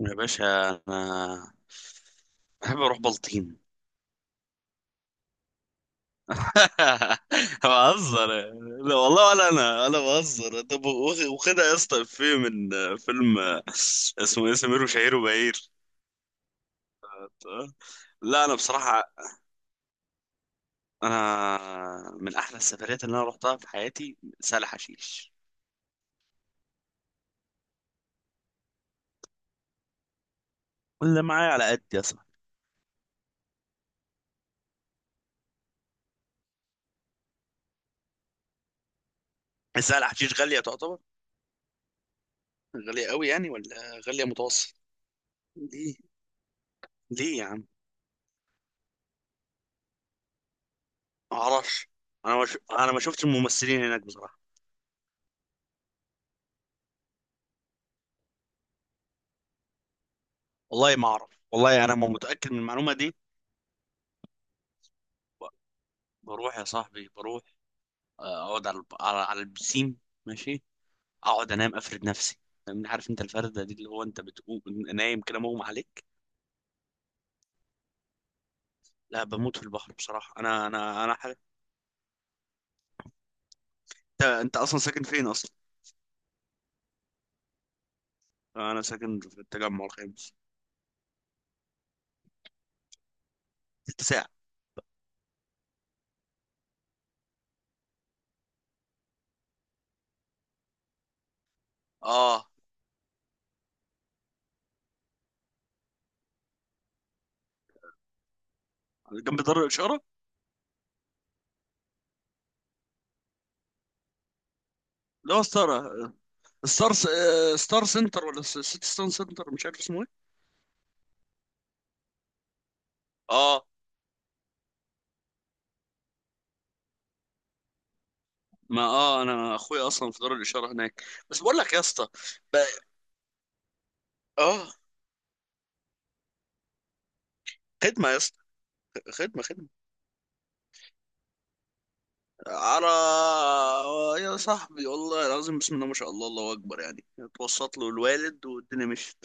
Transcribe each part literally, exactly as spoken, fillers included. يا باشا، انا بحب اروح بلطيم. بهزر. لا والله. ولا انا انا بهزر. طب واخ- واخدها يا اسطى؟ افيه من فيلم اسمه ايه؟ سمير وشهير وبهير. لا انا بصراحه، انا من احلى السفريات اللي انا رحتها في حياتي سهل حشيش. ولا معايا على قد يا صاحبي. سهل حشيش غاليه تعتبر. غاليه قوي يعني ولا غاليه متوسط؟ ليه؟ ليه يا عم؟ ما اعرفش. انا ما ش... انا ما شفتش الممثلين هناك بصراحه. والله ما اعرف، والله انا ما متاكد من المعلومه دي. ب- بروح يا صاحبي، بروح. آه، اقعد على الب- على على البسين، ماشي، اقعد انام افرد نفسي، فاهمني؟ عارف انت الفرده دي اللي هو انت بتقوم نايم كده مغمى عليك. لا، بموت في البحر بصراحه، انا انا انا حاجه. انت انت اصلا ساكن فين اصلا؟ انا ساكن في التجمع الخامس. ست ساعه. اه، جنب دار الاشاره. لا، ستار، ستار، ستار سنتر ولا س- سيتي ستار سنتر، مش عارف اسمه ايه. اه، ما اه، انا اخويا اصلا في دار الاشاره هناك. بس بقول لك يا اسطى، ب- اه، خدمه يا اسطى، خدمه خدمه. على، يا صاحبي والله العظيم بسم الله ما شاء الله الله اكبر، يعني اتوسط له الوالد والدنيا مشيت.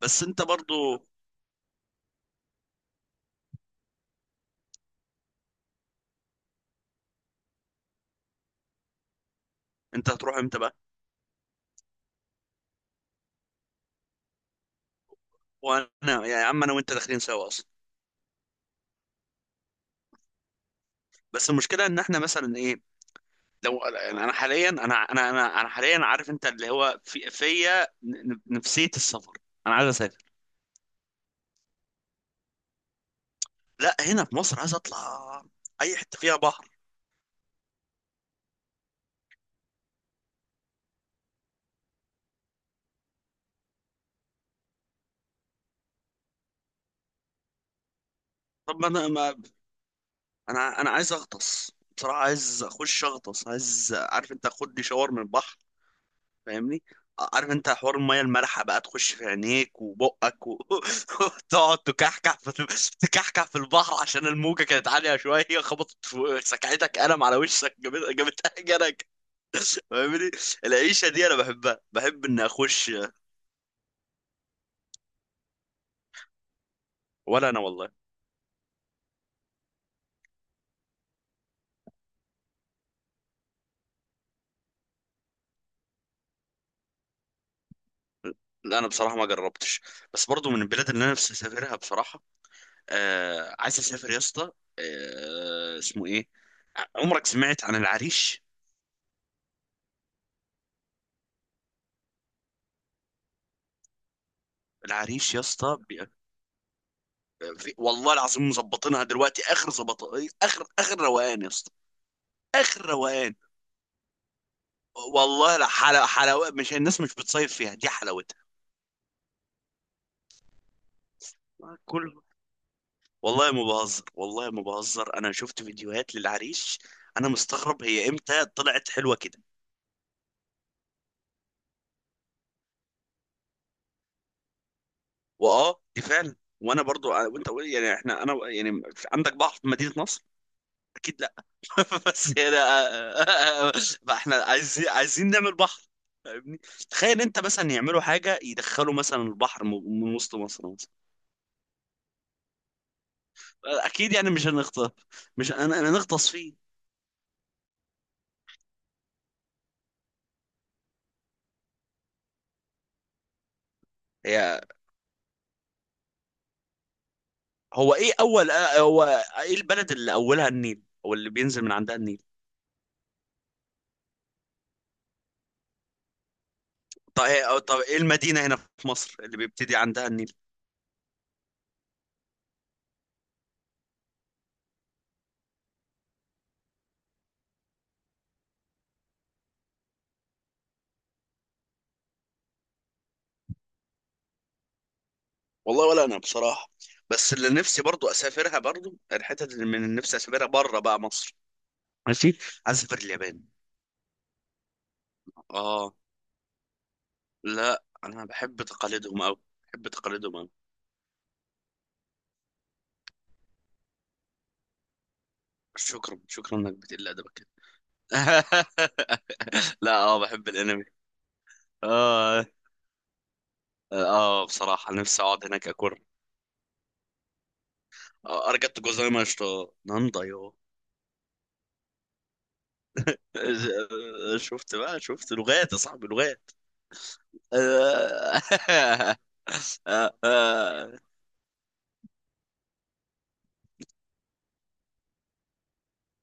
بس انت برضو، انت هتروح امتى بقى؟ وانا يعني يا عم، انا وانت داخلين سوا اصلا. بس المشكله ان احنا مثلا ايه، لو يعني انا حاليا، انا انا انا انا حاليا، عارف انت اللي هو في فيا ن- نفسيه السفر. انا عايز اسافر. لا، هنا في مصر، عايز اطلع اي حته فيها بحر. طب ما انا ما انا انا عايز اغطس بصراحه، عايز اخش اغطس، عايز، عارف انت، اخد لي شاور من البحر، فاهمني؟ عارف انت حوار الميه المالحه بقى تخش في عينيك وبقك و... وتقعد تكحكح في تكحكح في البحر عشان الموجه كانت عاليه شويه، خبطت في سكعتك قلم على وشك، جابت جابتها جنك، فاهمني؟ العيشه دي انا بحبها، بحب ان اخش. ولا انا والله، لا انا بصراحه ما جربتش، بس برضو من البلاد اللي انا نفسي اسافرها بصراحه. آه، عايز اسافر يا اسطى. آه، اسمه ايه، عمرك سمعت عن العريش؟ العريش يا اسطى بي- في- والله العظيم مظبطينها دلوقتي اخر ظبط، اخر اخر روقان يا اسطى، اخر روقان. والله لا، حلاوه حلاوه، مش الناس مش بتصيف فيها دي حلاوتها. كله والله ما بهزر، والله ما بهزر، انا شفت فيديوهات للعريش. انا مستغرب هي امتى طلعت حلوه كده. واه، دي فعلا. وانا برضو آه، وانت يعني احنا، انا يعني، عندك بحر في مدينه نصر؟ اكيد. بس يعني، بقى احنا عايزين، عايزين نعمل بحر، فاهمني؟ تخيل انت مثلا يعملوا حاجه يدخلوا مثلا البحر م- من وسط مصر مثلا. اكيد يعني مش هنغطس، مش انا انا نغطس فيه. هي، هو ايه اول اه، هو ايه البلد اللي اولها النيل او اللي بينزل من عندها النيل؟ طب ايه، طب ايه المدينه هنا في مصر اللي بيبتدي عندها النيل؟ والله ولا انا بصراحه. بس اللي نفسي برضو اسافرها برضو، الحتت اللي من نفسي اسافرها بره بقى مصر، ماشي، عايز اسافر اليابان. اه، لا انا بحب تقاليدهم قوي، بحب تقاليدهم قوي. شكرا شكرا انك بتقل ادبك كده. لا اه، بحب الانمي. اه، اه بصراحة نفسي اقعد هناك اكل. آه، ارجعت جوزايما اشتو ناندا يو. شفت بقى، شفت لغات يا صاحبي، لغات. آه. آه، آه.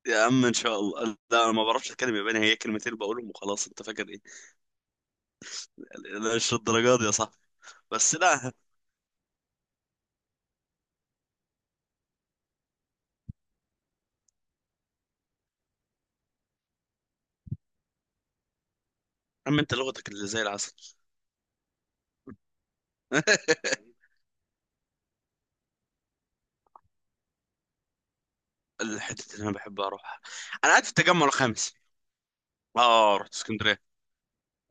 يا عم ان شاء الله، لا انا ما بعرفش اتكلم ياباني، هي كلمتين بقولهم وخلاص، انت فاكر ايه؟ لا مش الدرجات دي يا صاحبي. بس لا، يا عم انت لغتك اللي زي العسل. الحتة اللي أنا بحب أروحها، أنا قاعد في التجمع الخامس. آه، رحت اسكندرية.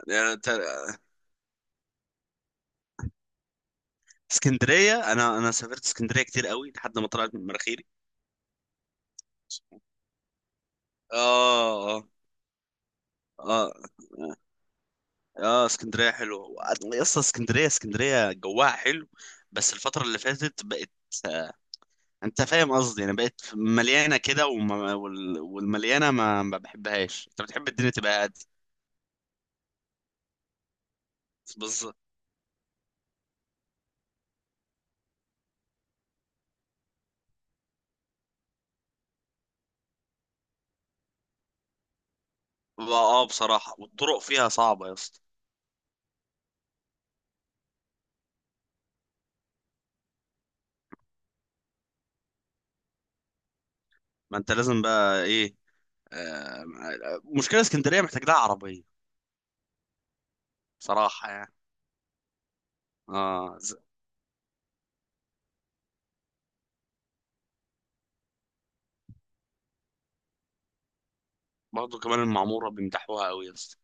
يعني تا- اسكندرية، أنا أنا سافرت اسكندرية كتير قوي لحد ما طلعت من مناخيري. آه، آه، آه، آه اسكندرية حلوة يا اسطى، اسكندرية، اسكندرية جواها حلو، بس الفترة اللي فاتت بقت آه، أنت فاهم قصدي، يعني بقت مليانة كده وما- وال- والمليانة ما ما بحبهاش، أنت بتحب الدنيا تبقى هادية. بس اه، آه، بصراحة والطرق فيها صعبة يا اسطى. ما انت لازم بقى ايه، آه، مشكلة اسكندرية محتاج لها عربية بصراحة يعني. اه ز- برضه كمان المعمورة بيمدحوها قوي يا اسطى،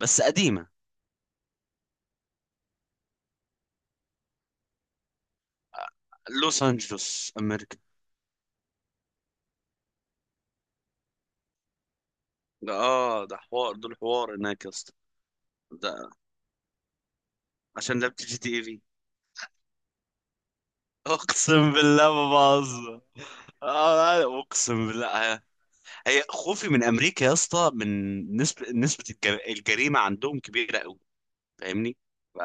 بس قديمة. لوس أنجلوس أمريكا. ده اه، ده حوار، دول حوار هناك يا اسطى. ده عشان لعبت جي تي اي في. اقسم بالله ما بهزر. آه، آه، اقسم بالله. آه، هي خوفي من امريكا يا اسطى، من نسبة نسبة الجر- الجريمة عندهم كبيرة قوي، فاهمني؟ ف-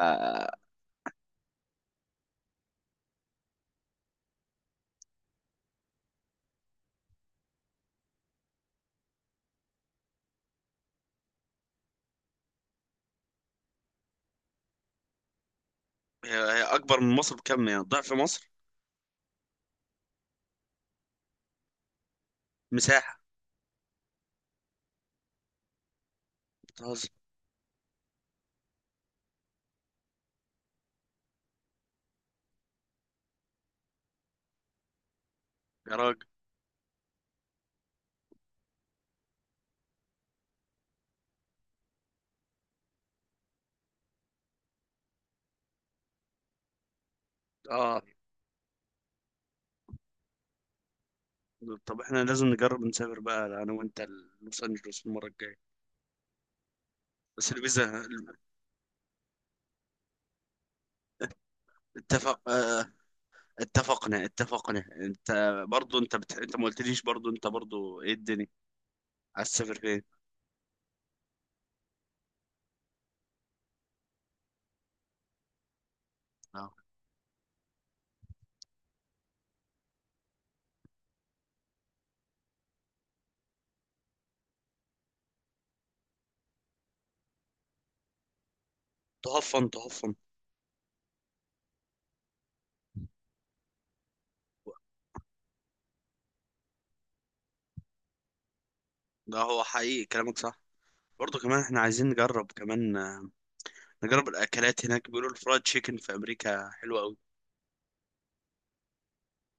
هي هي اكبر من مصر بكم، يعني ضعف مصر؟ مساحة. بتهزر؟ يا راجل. اه، طب احنا لازم نجرب نسافر بقى انا وانت لوس انجلوس المره الجايه. بس الفيزا. اتفق، اه، اتفقنا، اتفقنا. انت برضو انت بتح... انت ما قلتليش، برضو انت برضو ايه، الدنيا عايز تسافر فين؟ اه، تهفن تهفن. ده هو حقيقي، كلامك صح. برضو كمان احنا عايزين نجرب كمان اه، نجرب الاكلات هناك، بيقولوا الفرايد تشيكن في امريكا حلوه.